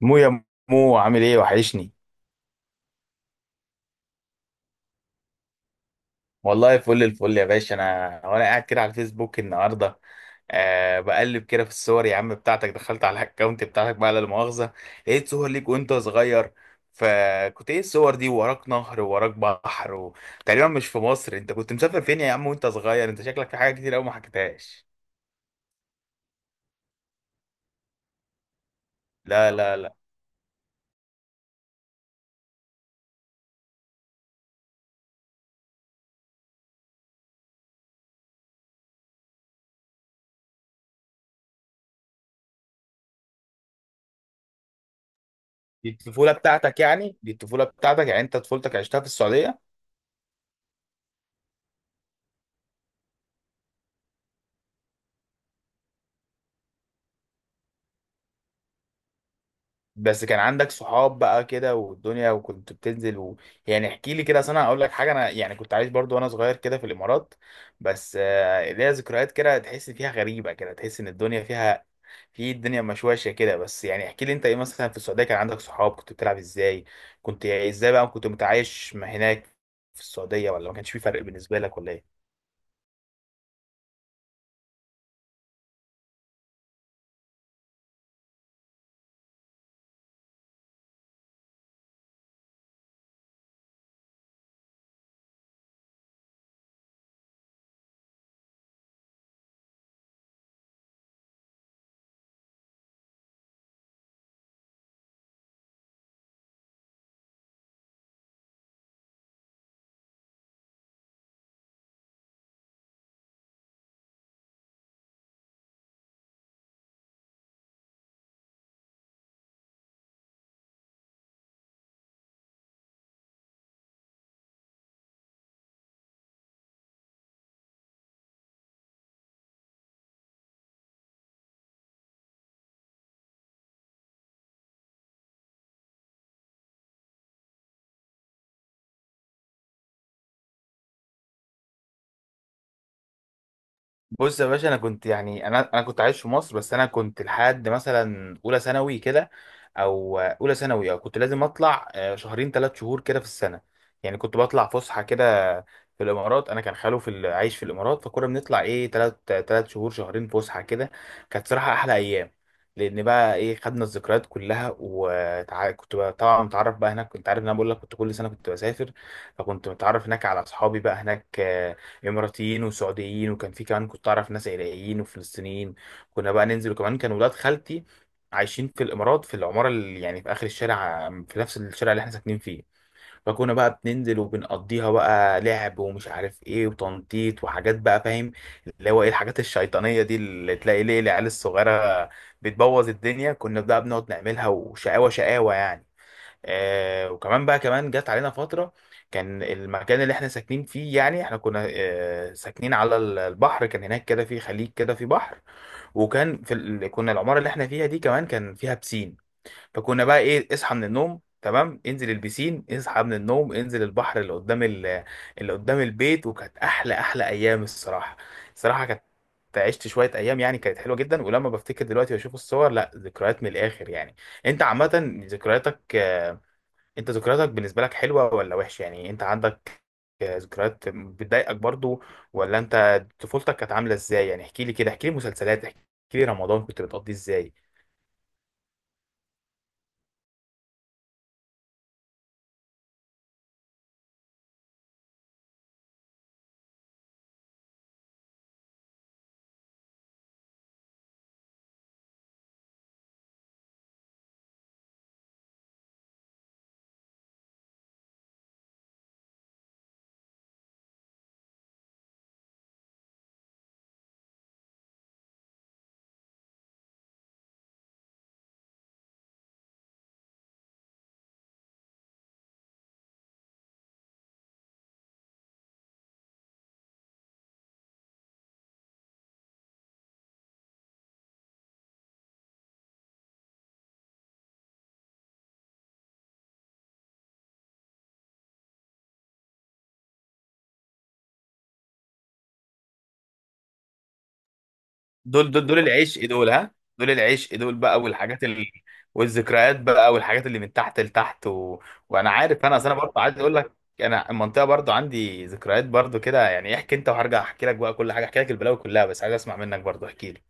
مو يا مو، عامل ايه؟ وحشني. والله فل الفل يا باشا. انا وانا قاعد كده على الفيسبوك النهارده أه بقلب كده في الصور، يا عم بتاعتك دخلت على الاكونت بتاعتك بقى، لا مؤاخذه. لقيت صور ليك وانت صغير، فكنت ايه الصور دي؟ وراك نهر، وراك بحر، وتقريبا مش في مصر. انت كنت مسافر فين يا عم وانت صغير؟ انت شكلك في حاجه كتير قوي ما حكيتهاش. لا لا لا. دي الطفوله بتاعتك يعني، دي الطفوله بتاعتك يعني، انت طفولتك عشتها في السعوديه؟ بس كان عندك صحاب بقى كده والدنيا، وكنت بتنزل و... يعني احكي لي كده، أصل انا اقول لك حاجه، انا يعني كنت عايش برضو وانا صغير كده في الامارات. بس ليا ذكريات كده تحس فيها غريبه كده، تحس ان الدنيا فيها، في الدنيا مشوشه كده. بس يعني احكي لي انت ايه مثلا في السعوديه، كان عندك صحاب؟ كنت بتلعب ازاي؟ كنت ازاي بقى؟ كنت متعايش ما هناك في السعوديه ولا ما كانش في فرق بالنسبه لك ولا ايه؟ بص يا باشا، انا كنت يعني انا كنت عايش في مصر، بس انا كنت لحد مثلا اولى ثانوي كده، او اولى ثانوي، او كنت لازم اطلع شهرين 3 شهور كده في السنه. يعني كنت بطلع فسحه كده في الامارات. انا كان خاله في عايش في الامارات، فكنا بنطلع ايه ثلاث ثلاث شهور شهرين فسحه كده. كانت صراحه احلى ايام، لان بقى ايه خدنا الذكريات كلها. وكنت طبعا متعرف بقى هناك، كنت عارف ان انا بقول لك كنت كل سنه كنت بسافر. فكنت متعرف هناك على اصحابي بقى هناك اماراتيين وسعوديين. وكان في كمان كنت اعرف ناس عراقيين وفلسطينيين. كنا بقى ننزل، وكمان كان ولاد خالتي عايشين في الامارات في العماره اللي يعني في اخر الشارع، في نفس الشارع اللي احنا ساكنين فيه. فكنا بقى بننزل وبنقضيها بقى لعب ومش عارف ايه وتنطيط وحاجات، بقى فاهم، اللي هو ايه الحاجات الشيطانيه دي اللي تلاقي ليه العيال الصغيره بتبوظ الدنيا. كنا بقى بنقعد نعملها، وشقاوه شقاوه يعني. آه، وكمان بقى كمان جت علينا فترة كان المكان اللي احنا ساكنين فيه، يعني احنا كنا آه ساكنين على البحر. كان هناك كده في خليج كده في بحر. وكان في كنا العمارة اللي احنا فيها دي كمان كان فيها بسين. فكنا بقى ايه اصحى من النوم تمام انزل البسين، اصحى من النوم انزل البحر اللي قدام اللي قدام البيت. وكانت احلى احلى ايام الصراحة. الصراحة كانت، عشت شوية أيام يعني كانت حلوة جدا. ولما بفتكر دلوقتي وأشوف الصور، لا ذكريات من الآخر يعني. أنت عامة ذكرياتك انت ذكرياتك بالنسبة لك حلوة ولا وحشة؟ يعني انت عندك ذكريات بتضايقك برضو، ولا انت طفولتك كانت عاملة ازاي؟ يعني احكي لي كده، احكي لي مسلسلات، احكي لي رمضان كنت بتقضيه ازاي. دول دول دول العشق دول، ها؟ دول العشق دول بقى، والحاجات والذكريات بقى، والحاجات اللي من تحت لتحت و... وانا عارف، انا أصل انا برضه عايز اقول لك، انا المنطقه برضه عندي ذكريات برضه كده يعني. احكي انت وهرجع احكي لك بقى كل حاجه، احكي لك البلاوي كلها، بس عايز اسمع منك برضه، احكي لي.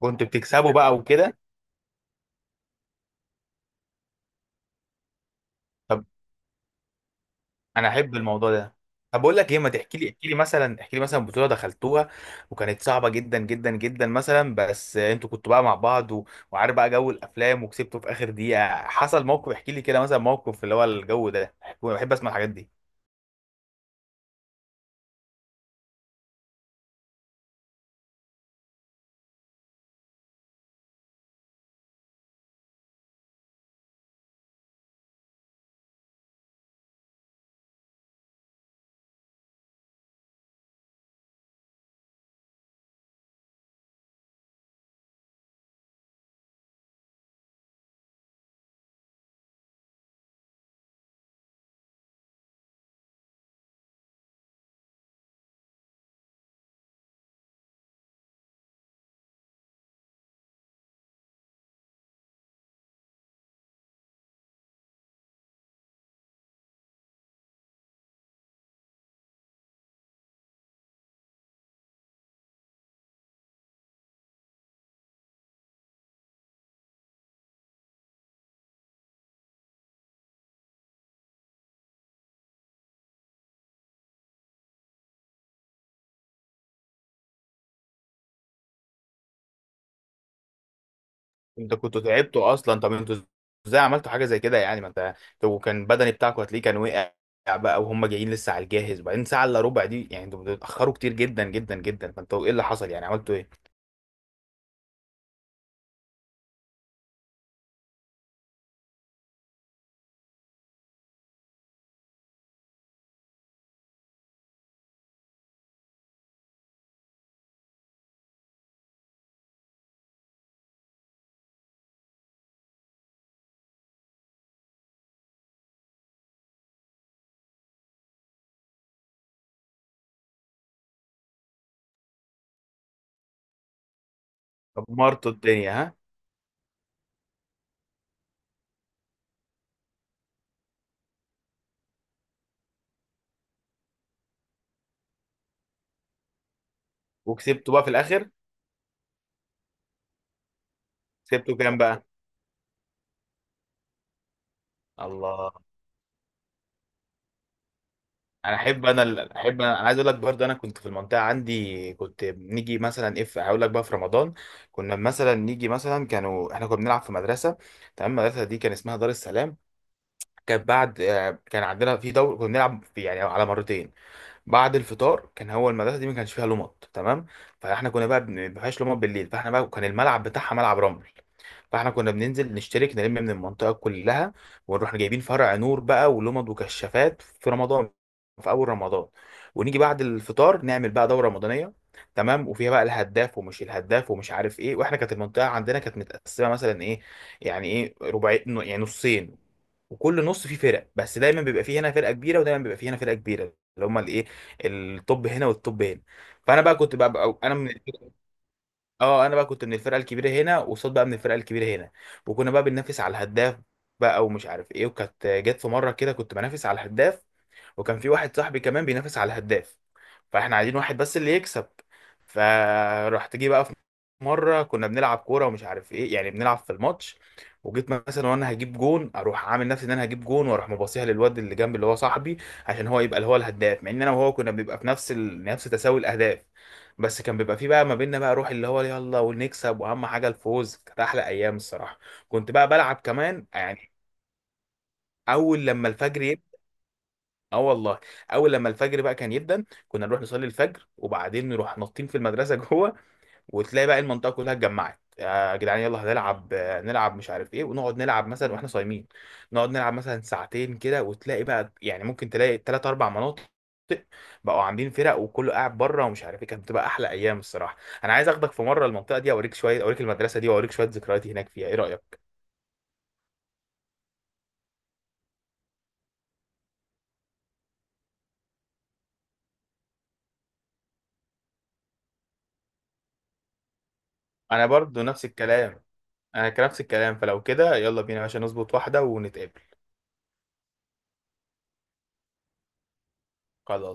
كنت بتكسبه بقى وكده؟ انا احب الموضوع ده. طب بقول لك ايه، ما تحكي لي، احكي لي مثلا، احكي لي مثلا بطوله دخلتوها وكانت صعبه جدا جدا جدا مثلا، بس انتوا كنتوا بقى مع بعض و... وعارف بقى جو الافلام وكسبتوا في اخر دقيقه، حصل موقف. احكي لي كده مثلا موقف اللي هو الجو ده بحب اسمع الحاجات دي. انتوا كنتوا تعبتوا اصلا، طب انتوا ازاي عملتوا حاجه زي كده؟ يعني ما انت لو كان بدني بتاعكم هتلاقيه كان وقع بقى، وهم جايين لسه على الجاهز. وبعدين ساعه الا ربع دي يعني انتوا بتتاخروا كتير جدا جدا جدا. فانتوا ايه اللي حصل يعني؟ عملتوا ايه؟ دمرتوا الدنيا، ها؟ وكسبتوا بقى في الاخر؟ سبته كام بقى؟ الله! انا احب انا احب انا، أنا عايز اقول لك برضه، انا كنت في المنطقه عندي كنت نيجي مثلا اف هقول لك بقى في رمضان. كنا مثلا نيجي مثلا كانوا احنا كنا بنلعب في مدرسه، تمام؟ المدرسه دي كان اسمها دار السلام. كانت بعد كان عندنا في دور كنا بنلعب في يعني على مرتين، بعد الفطار. كان هو المدرسه دي ما كانش فيها لمط، تمام؟ فاحنا كنا بقى ما فيهاش لمط بالليل، فاحنا بقى كان الملعب بتاعها ملعب رمل. فاحنا كنا بننزل نشترك نلم من المنطقه كلها، ونروح جايبين فرع نور بقى ولمض وكشافات في رمضان، في اول رمضان، ونيجي بعد الفطار نعمل بقى دوره رمضانيه، تمام. وفيها بقى الهداف ومش الهداف ومش عارف ايه. واحنا كانت المنطقه عندنا كانت متقسمه مثلا ايه، يعني ايه ربعين، يعني نصين. وكل نص فيه فرق، بس دايما بيبقى فيه هنا فرقه كبيره ودايما بيبقى فيه هنا فرقه كبيره، اللي هم الايه، الطب هنا والطب هنا. فانا بقى كنت بقى انا اه انا بقى كنت من الفرقه الكبيره هنا، وصاد بقى من الفرقه الكبيره هنا. وكنا بقى بننافس على الهداف بقى ومش عارف ايه. وكانت جت في مره كده كنت بنافس على الهداف، وكان في واحد صاحبي كمان بينافس على الهداف، فاحنا عايزين واحد بس اللي يكسب. فرحت جه بقى في مره كنا بنلعب كوره ومش عارف ايه، يعني بنلعب في الماتش، وجيت مثلا وانا هجيب جون، اروح عامل نفسي ان انا هجيب جون، واروح مباصيها للواد اللي جنبي اللي هو صاحبي، عشان هو يبقى اللي هو الهداف، مع ان انا وهو كنا بنبقى في نفس نفس تساوي الاهداف. بس كان بيبقى في بقى ما بيننا بقى روح اللي هو يلا ونكسب، واهم حاجه الفوز. كانت احلى ايام الصراحه، كنت بقى بلعب كمان يعني. اول لما الفجر، اه والله، اول لما الفجر بقى كان يبدا كنا نروح نصلي الفجر، وبعدين نروح نطين في المدرسه جوه. وتلاقي بقى المنطقه كلها اتجمعت، يا جدعان يلا هنلعب نلعب مش عارف ايه. ونقعد نلعب مثلا واحنا صايمين، نقعد نلعب مثلا ساعتين كده. وتلاقي بقى يعني ممكن تلاقي 3 او 4 مناطق بقوا عاملين فرق، وكله قاعد بره ومش عارف ايه. كانت بتبقى احلى ايام الصراحه. انا عايز اخدك في مره المنطقه دي اوريك شويه، اوريك المدرسه دي، واوريك شويه ذكرياتي هناك فيها. ايه رايك؟ انا برضو نفس الكلام، انا كان نفس الكلام. فلو كده يلا بينا يا باشا نظبط واحده ونتقابل. خلاص.